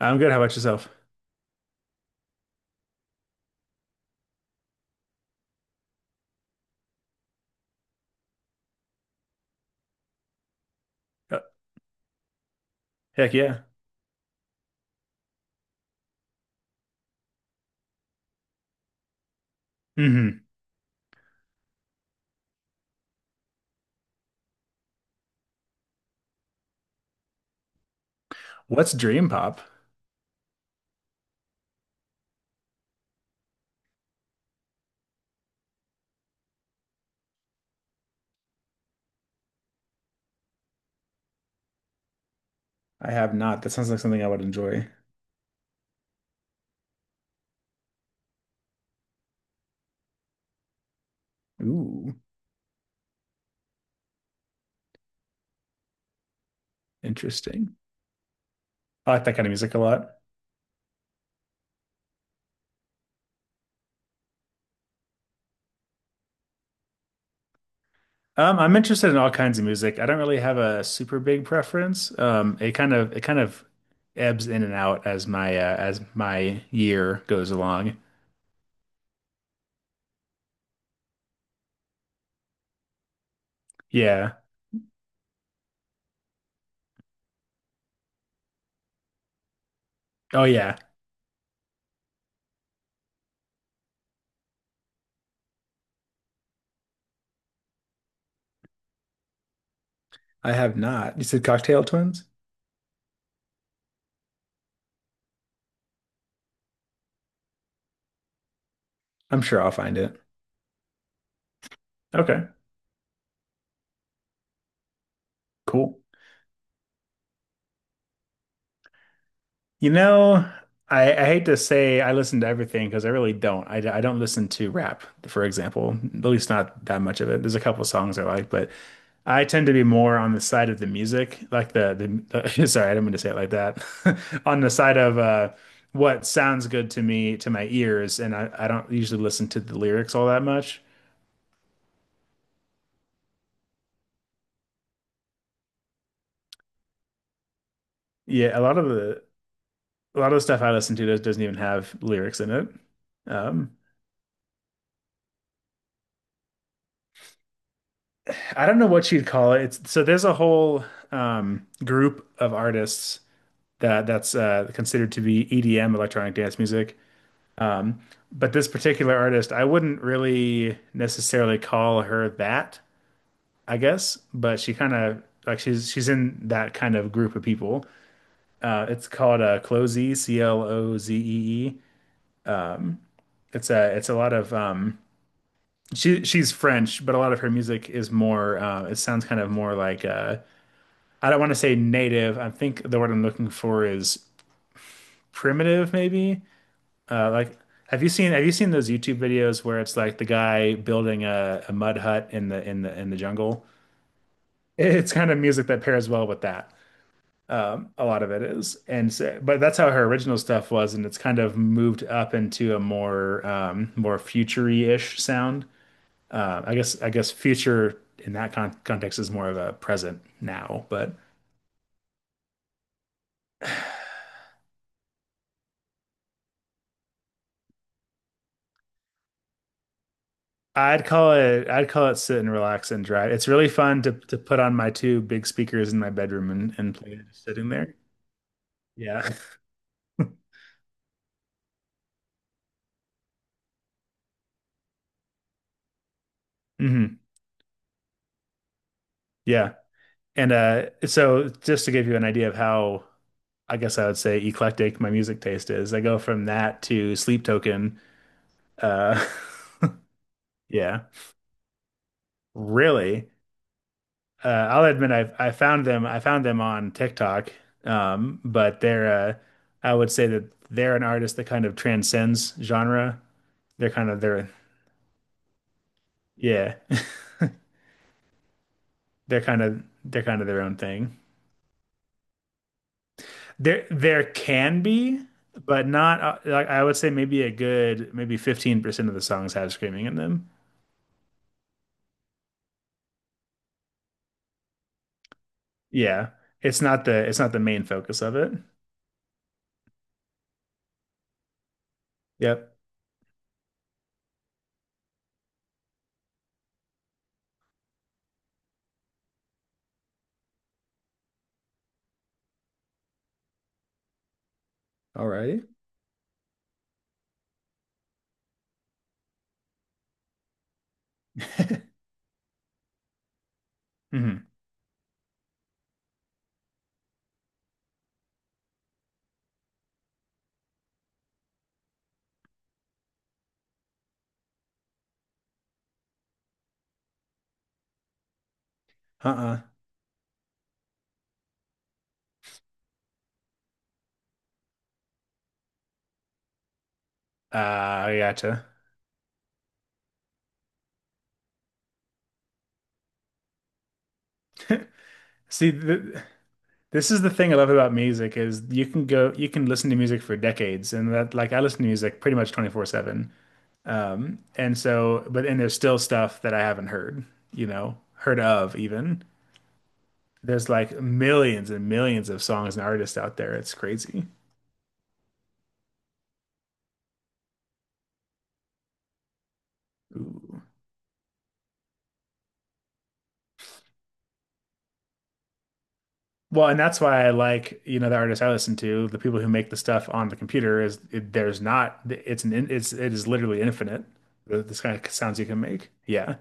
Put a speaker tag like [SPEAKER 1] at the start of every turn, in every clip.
[SPEAKER 1] I'm good. How about yourself? Uh, Heck yeah. Hmm. What's dream pop? I have not. That sounds like something I would enjoy. Ooh, interesting. I like that kind of music a lot. I'm interested in all kinds of music. I don't really have a super big preference. It kind of ebbs in and out as my year goes along. Yeah. Oh yeah. I have not. You said Cocktail Twins? I'm sure I'll find it. Okay. Cool. You know, I hate to say I listen to everything because I really don't. I don't listen to rap, for example, at least not that much of it. There's a couple of songs I like, but I tend to be more on the side of the music, like the sorry, I didn't mean to say it like that. On the side of what sounds good to me, to my ears, and I don't usually listen to the lyrics all that much. Yeah, a lot of the stuff I listen to doesn't even have lyrics in it. Um, I don't know what you'd call it. It's, so there's a whole group of artists that that's considered to be EDM, electronic dance music. But this particular artist, I wouldn't really necessarily call her that, I guess. But she's in that kind of group of people. It's called Clozee, C L O Z E E. It's a lot of she she's French, but a lot of her music is more. It sounds kind of more like I don't want to say native. I think the word I'm looking for is primitive, maybe. Like, have you seen those YouTube videos where it's like the guy building a mud hut in the in the in the jungle? It's kind of music that pairs well with that. A lot of it is, and so, but that's how her original stuff was, and it's kind of moved up into a more more futury-ish sound. I guess future in that context is more of a present now, but. I'd call it sit and relax and drive. It's really fun to put on my two big speakers in my bedroom and play it just sitting there. Yeah. Hmm. Yeah. And so just to give you an idea of how I guess I would say eclectic my music taste is, I go from that to Sleep Token. Uh yeah. Really. I'll admit I've I found them on TikTok. But they're I would say that they're an artist that kind of transcends genre. They're kind of their Yeah, they're kind of their own thing. There can be, but not like I would say maybe a good maybe 15% of the songs have screaming in them. Yeah. It's not the main focus of it. Yep. Alrighty. Hmm. Uh-uh. I gotcha. See, th this is the thing I love about music is you can listen to music for decades and that like I listen to music pretty much 24/7. And so, but and there's still stuff that I haven't heard, you know, heard of even. There's like millions and millions of songs and artists out there. It's crazy. Ooh. Well, and that's why I like, you know, the artists I listen to, the people who make the stuff on the computer is it, there's not, it's an, in- it's, it is literally infinite. This kind of sounds you can make. Yeah.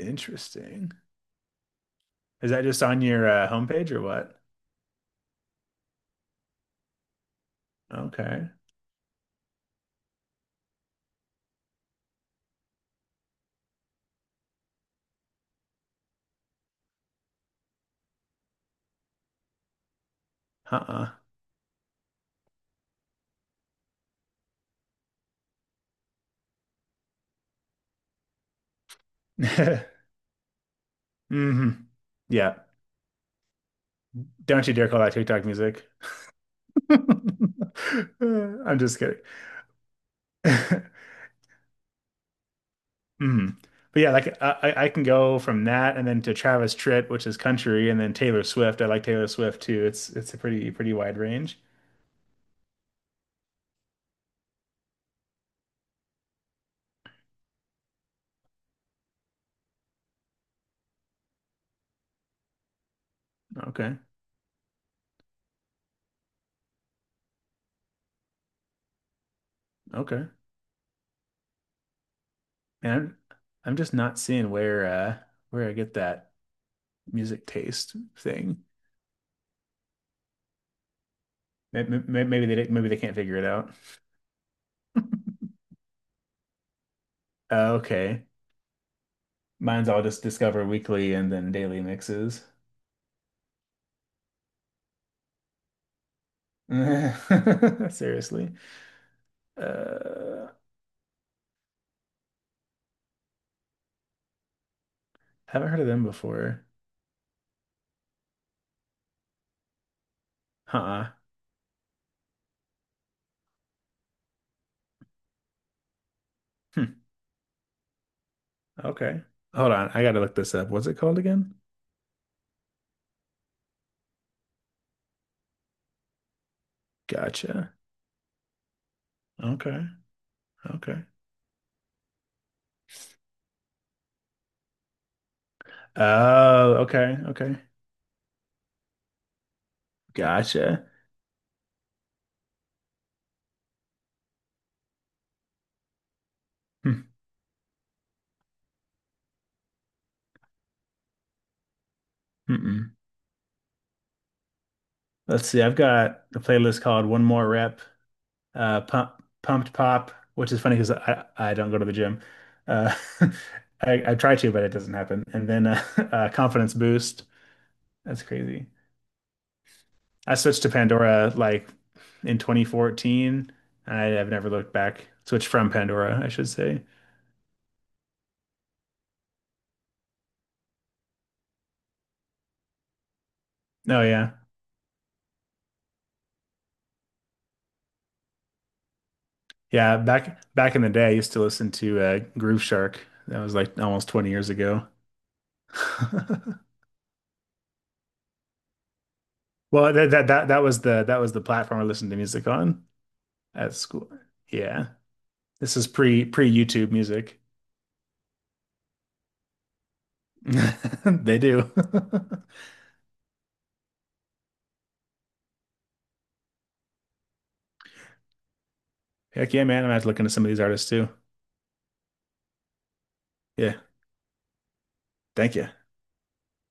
[SPEAKER 1] Interesting. Is that just on your homepage or what? Okay. Uh-uh. Hmm. Yeah. Don't you dare call that TikTok music. I'm just kidding. Mm. But yeah, like I can go from that and then to Travis Tritt, which is country, and then Taylor Swift. I like Taylor Swift too. It's a pretty pretty wide range. Okay. Okay. And I'm, I'm just not seeing where I get that music taste thing. Maybe they didn't- maybe they can't figure it out. Okay. Mine's all just Discover Weekly and then Daily Mixes. Seriously. Uh haven't heard of them before. Huh. Hmm. Okay. Hold on. I gotta look this up. What's it called again? Gotcha. Okay. Okay. Oh, okay. Okay. Gotcha. Hmm. Mm-mm. Let's see. I've got a playlist called One More Rep, Pump, Pumped Pop, which is funny because I don't go to the gym. Uh, I try to, but it doesn't happen. And then Confidence Boost. That's crazy. I switched to Pandora like in 2014. I have never looked back. Switched from Pandora, I should say. Oh yeah. Yeah, back in the day I used to listen to Groove Shark. That was like almost 20 years ago. Well, that was the platform I listened to music on at school. Yeah. This is pre YouTube music. They do. Heck yeah, man. I'm gonna have to look into some of these artists too. Yeah. Thank you.